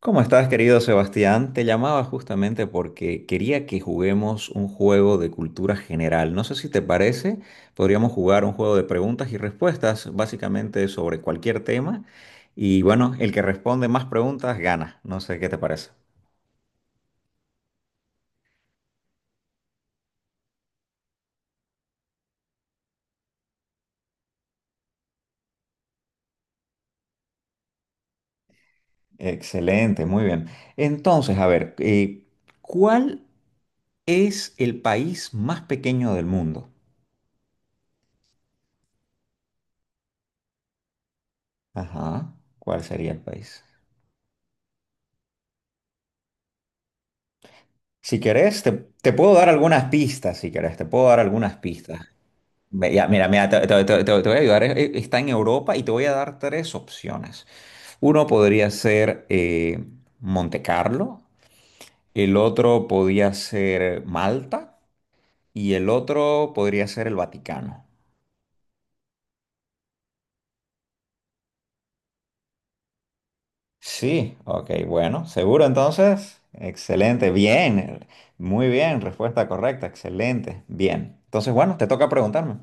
¿Cómo estás, querido Sebastián? Te llamaba justamente porque quería que juguemos un juego de cultura general. No sé si te parece, podríamos jugar un juego de preguntas y respuestas, básicamente sobre cualquier tema. Y bueno, el que responde más preguntas gana. No sé qué te parece. Excelente, muy bien. Entonces, a ver, ¿cuál es el país más pequeño del mundo? Ajá, ¿cuál sería el país? Si querés, te puedo dar algunas pistas, si querés, te puedo dar algunas pistas. Ya, mira, mira, te voy a ayudar. Está en Europa y te voy a dar tres opciones. Uno podría ser Monte Carlo, el otro podría ser Malta y el otro podría ser el Vaticano. Sí, ok, bueno, seguro entonces. Excelente, bien, muy bien, respuesta correcta, excelente, bien. Entonces, bueno, te toca preguntarme.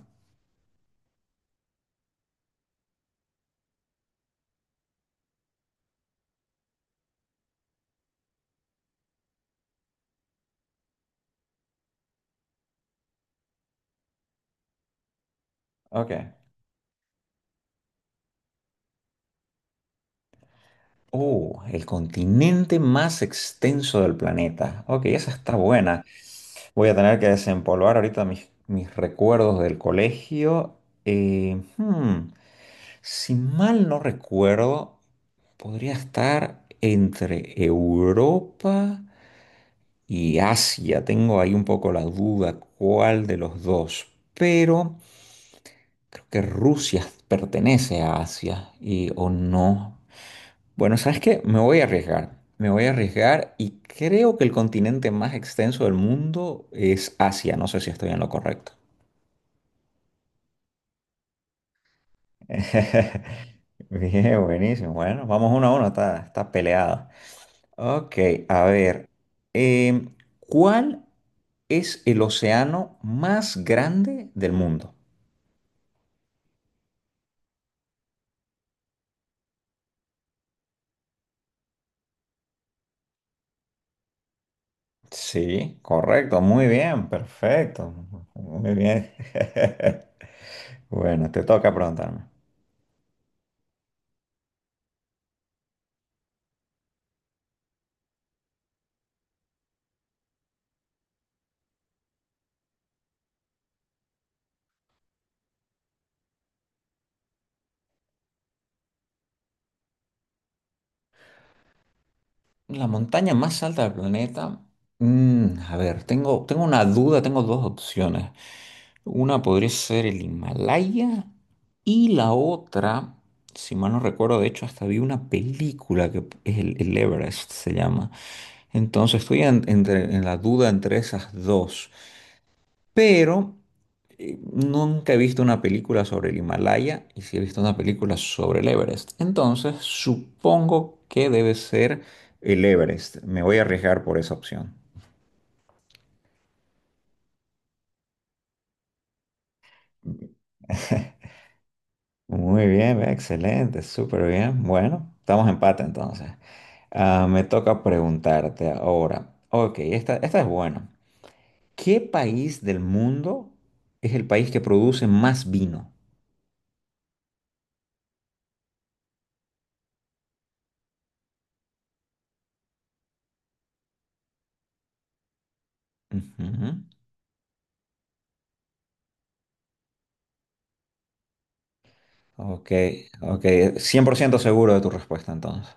Ok. Oh, el continente más extenso del planeta. Ok, esa está buena. Voy a tener que desempolvar ahorita mis recuerdos del colegio. Eh, hmm, si mal no recuerdo, podría estar entre Europa y Asia. Tengo ahí un poco la duda cuál de los dos, pero creo que Rusia pertenece a Asia y o no. Bueno, ¿sabes qué? Me voy a arriesgar. Me voy a arriesgar y creo que el continente más extenso del mundo es Asia. No sé si estoy en lo correcto. Bien, buenísimo. Bueno, vamos 1-1, está peleado. Ok, a ver. em, ¿Cuál es el océano más grande del mundo? Sí, correcto, muy bien, perfecto. Muy bien. Bueno, te toca preguntarme. La montaña más alta del planeta. Mm, a ver, tengo una duda, tengo dos opciones. Una podría ser el Himalaya y la otra, si mal no recuerdo, de hecho hasta vi una película que es el Everest, se llama. Entonces en la duda entre esas dos, pero nunca he visto una película sobre el Himalaya y sí he visto una película sobre el Everest. Entonces supongo que debe ser el Everest. Me voy a arriesgar por esa opción. Muy bien, excelente, súper bien. Bueno, estamos en empate entonces. Ah, me toca preguntarte ahora. Ok, esta es buena. ¿Qué país del mundo es el país que produce más vino? Ujú. Ok, ok. 100% seguro de tu respuesta entonces.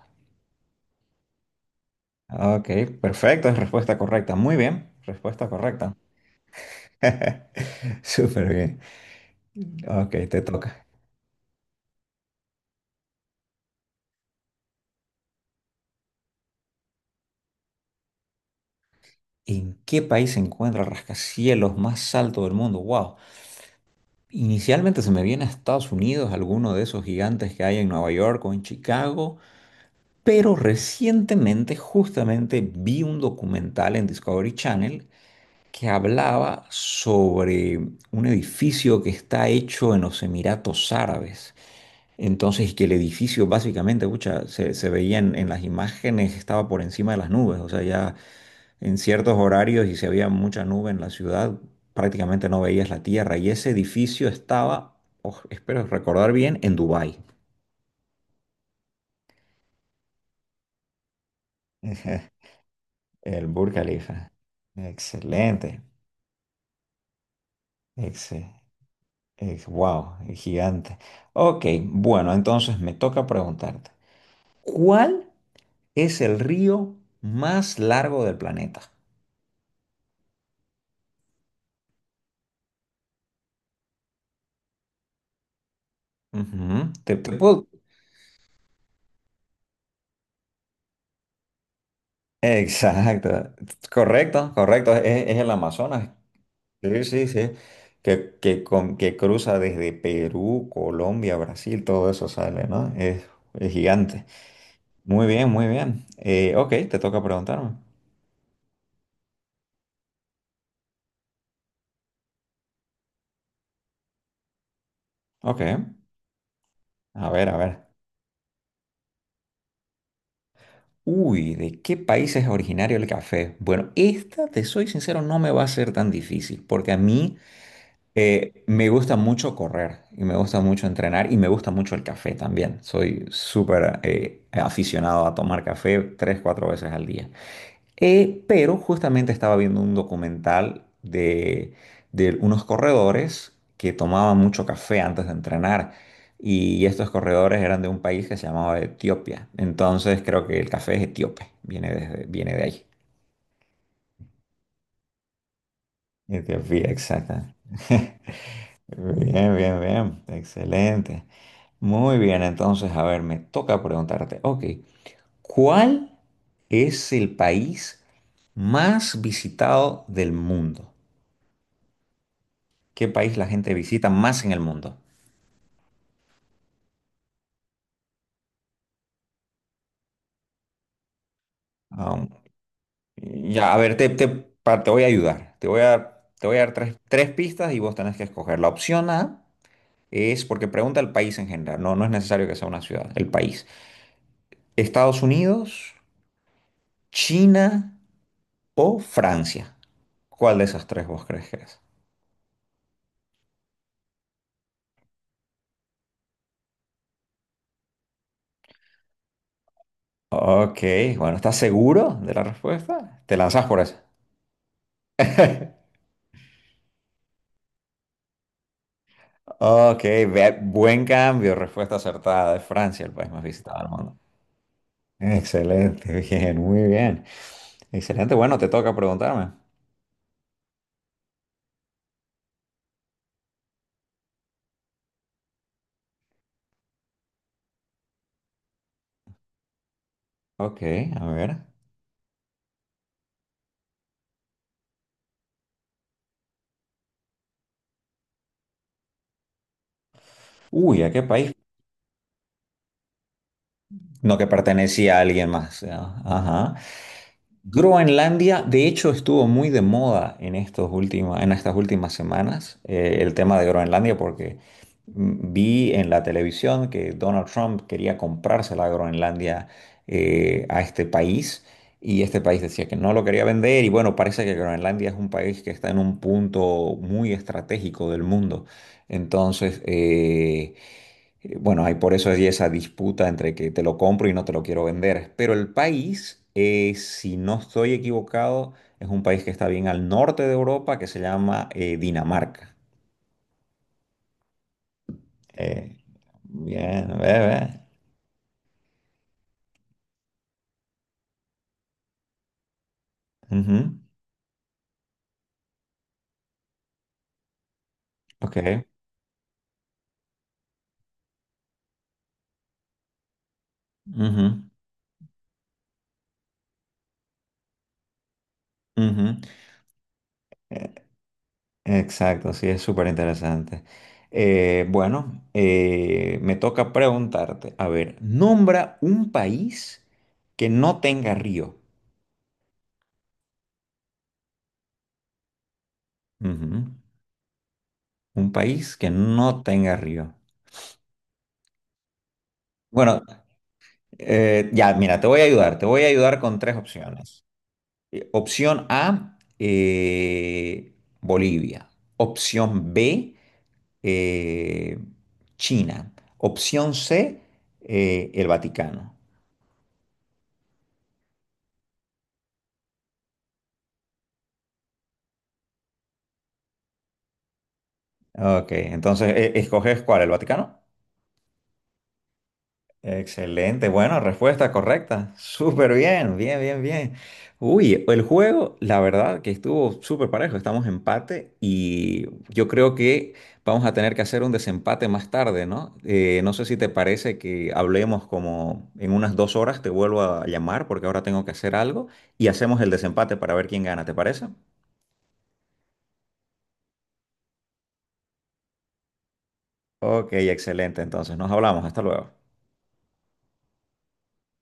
Ok, perfecto, es respuesta correcta. Muy bien, respuesta correcta. Súper bien. Ok, te toca. ¿En qué país se encuentra el rascacielos más alto del mundo? Wow. Inicialmente se me viene a Estados Unidos, alguno de esos gigantes que hay en Nueva York o en Chicago, pero recientemente justamente vi un documental en Discovery Channel que hablaba sobre un edificio que está hecho en los Emiratos Árabes. Entonces, y que el edificio básicamente, pucha, se veía en las imágenes, estaba por encima de las nubes, o sea, ya en ciertos horarios y si había mucha nube en la ciudad, prácticamente no veías la tierra. Y ese edificio estaba, oh, espero recordar bien, en Dubái. Ejé, el Burj Khalifa. Excelente. Excel, wow, gigante. Ok, bueno, entonces me toca preguntarte, ¿cuál es el río más largo del planeta? Ujú, Exacto. Correcto, correcto. Es el Amazonas. Sí, sí, sí. Que cruza desde Perú, Colombia, Brasil, todo eso sale, ¿no? Es gigante. Muy bien, muy bien. Ok, te toca preguntarme. Ok, a ver. Uy, ¿de qué país es originario el café? Bueno, esta, te soy sincero, no me va a ser tan difícil, porque a mí me gusta mucho correr y me gusta mucho entrenar y me gusta mucho el café también. Soy súper aficionado a tomar café tres, cuatro veces al día. Pero justamente estaba viendo un documental de unos corredores que tomaban mucho café antes de entrenar. Y estos corredores eran de un país que se llamaba Etiopía. Entonces creo que el café es etíope, viene de ahí. Etiopía, exacta. Bien, bien, bien. Excelente. Muy bien, entonces, a ver, me toca preguntarte, ok, ¿cuál es el país más visitado del mundo? ¿Qué país la gente visita más en el mundo? Um, ya, a ver, te voy a ayudar. Te voy a dar tres pistas y vos tenés que escoger. La opción A es porque pregunta el país en general. No es necesario que sea una ciudad, el país. Estados Unidos, China o Francia. ¿Cuál de esas tres vos crees que es? Ok, bueno, ¿estás seguro de la respuesta? Te lanzás por eso. Ok, buen cambio, respuesta acertada de Francia, el país más visitado del mundo. Excelente, bien, muy bien. Excelente, bueno, te toca preguntarme. Ok, a ver. Uy, ¿a qué país? No que pertenecía a alguien más. ¿No? Ajá. Groenlandia, de hecho, estuvo muy de moda en estos últimos, en estas últimas semanas, el tema de Groenlandia, porque vi en la televisión que Donald Trump quería comprarse la Groenlandia a este país, y este país decía que no lo quería vender, y bueno, parece que Groenlandia es un país que está en un punto muy estratégico del mundo. Entonces, Bueno, hay por eso hay esa disputa entre que te lo compro y no te lo quiero vender. Pero el país, si no estoy equivocado, es un país que está bien al norte de Europa que se llama Dinamarca. Eh, bien, bebé. Ujú, ok. Ujú, ujú. Exacto, sí, es súper interesante. Bueno, me toca preguntarte, a ver, nombra un país que no tenga río. Ujú. Un país que no tenga río. Bueno, ya, mira, te voy a ayudar. Te voy a ayudar con tres opciones. Opción A, Bolivia. Opción B, eh, China. Opción C, el Vaticano. Ok, entonces, ¿escoges cuál? ¿El Vaticano? Excelente, bueno, respuesta correcta. Súper bien, bien, bien, bien. Uy, el juego, la verdad que estuvo súper parejo, estamos en empate y yo creo que vamos a tener que hacer un desempate más tarde, ¿no? No sé si te parece que hablemos como en unas 2 horas, te vuelvo a llamar porque ahora tengo que hacer algo y hacemos el desempate para ver quién gana, ¿te parece? Ok, excelente, entonces nos hablamos, hasta luego.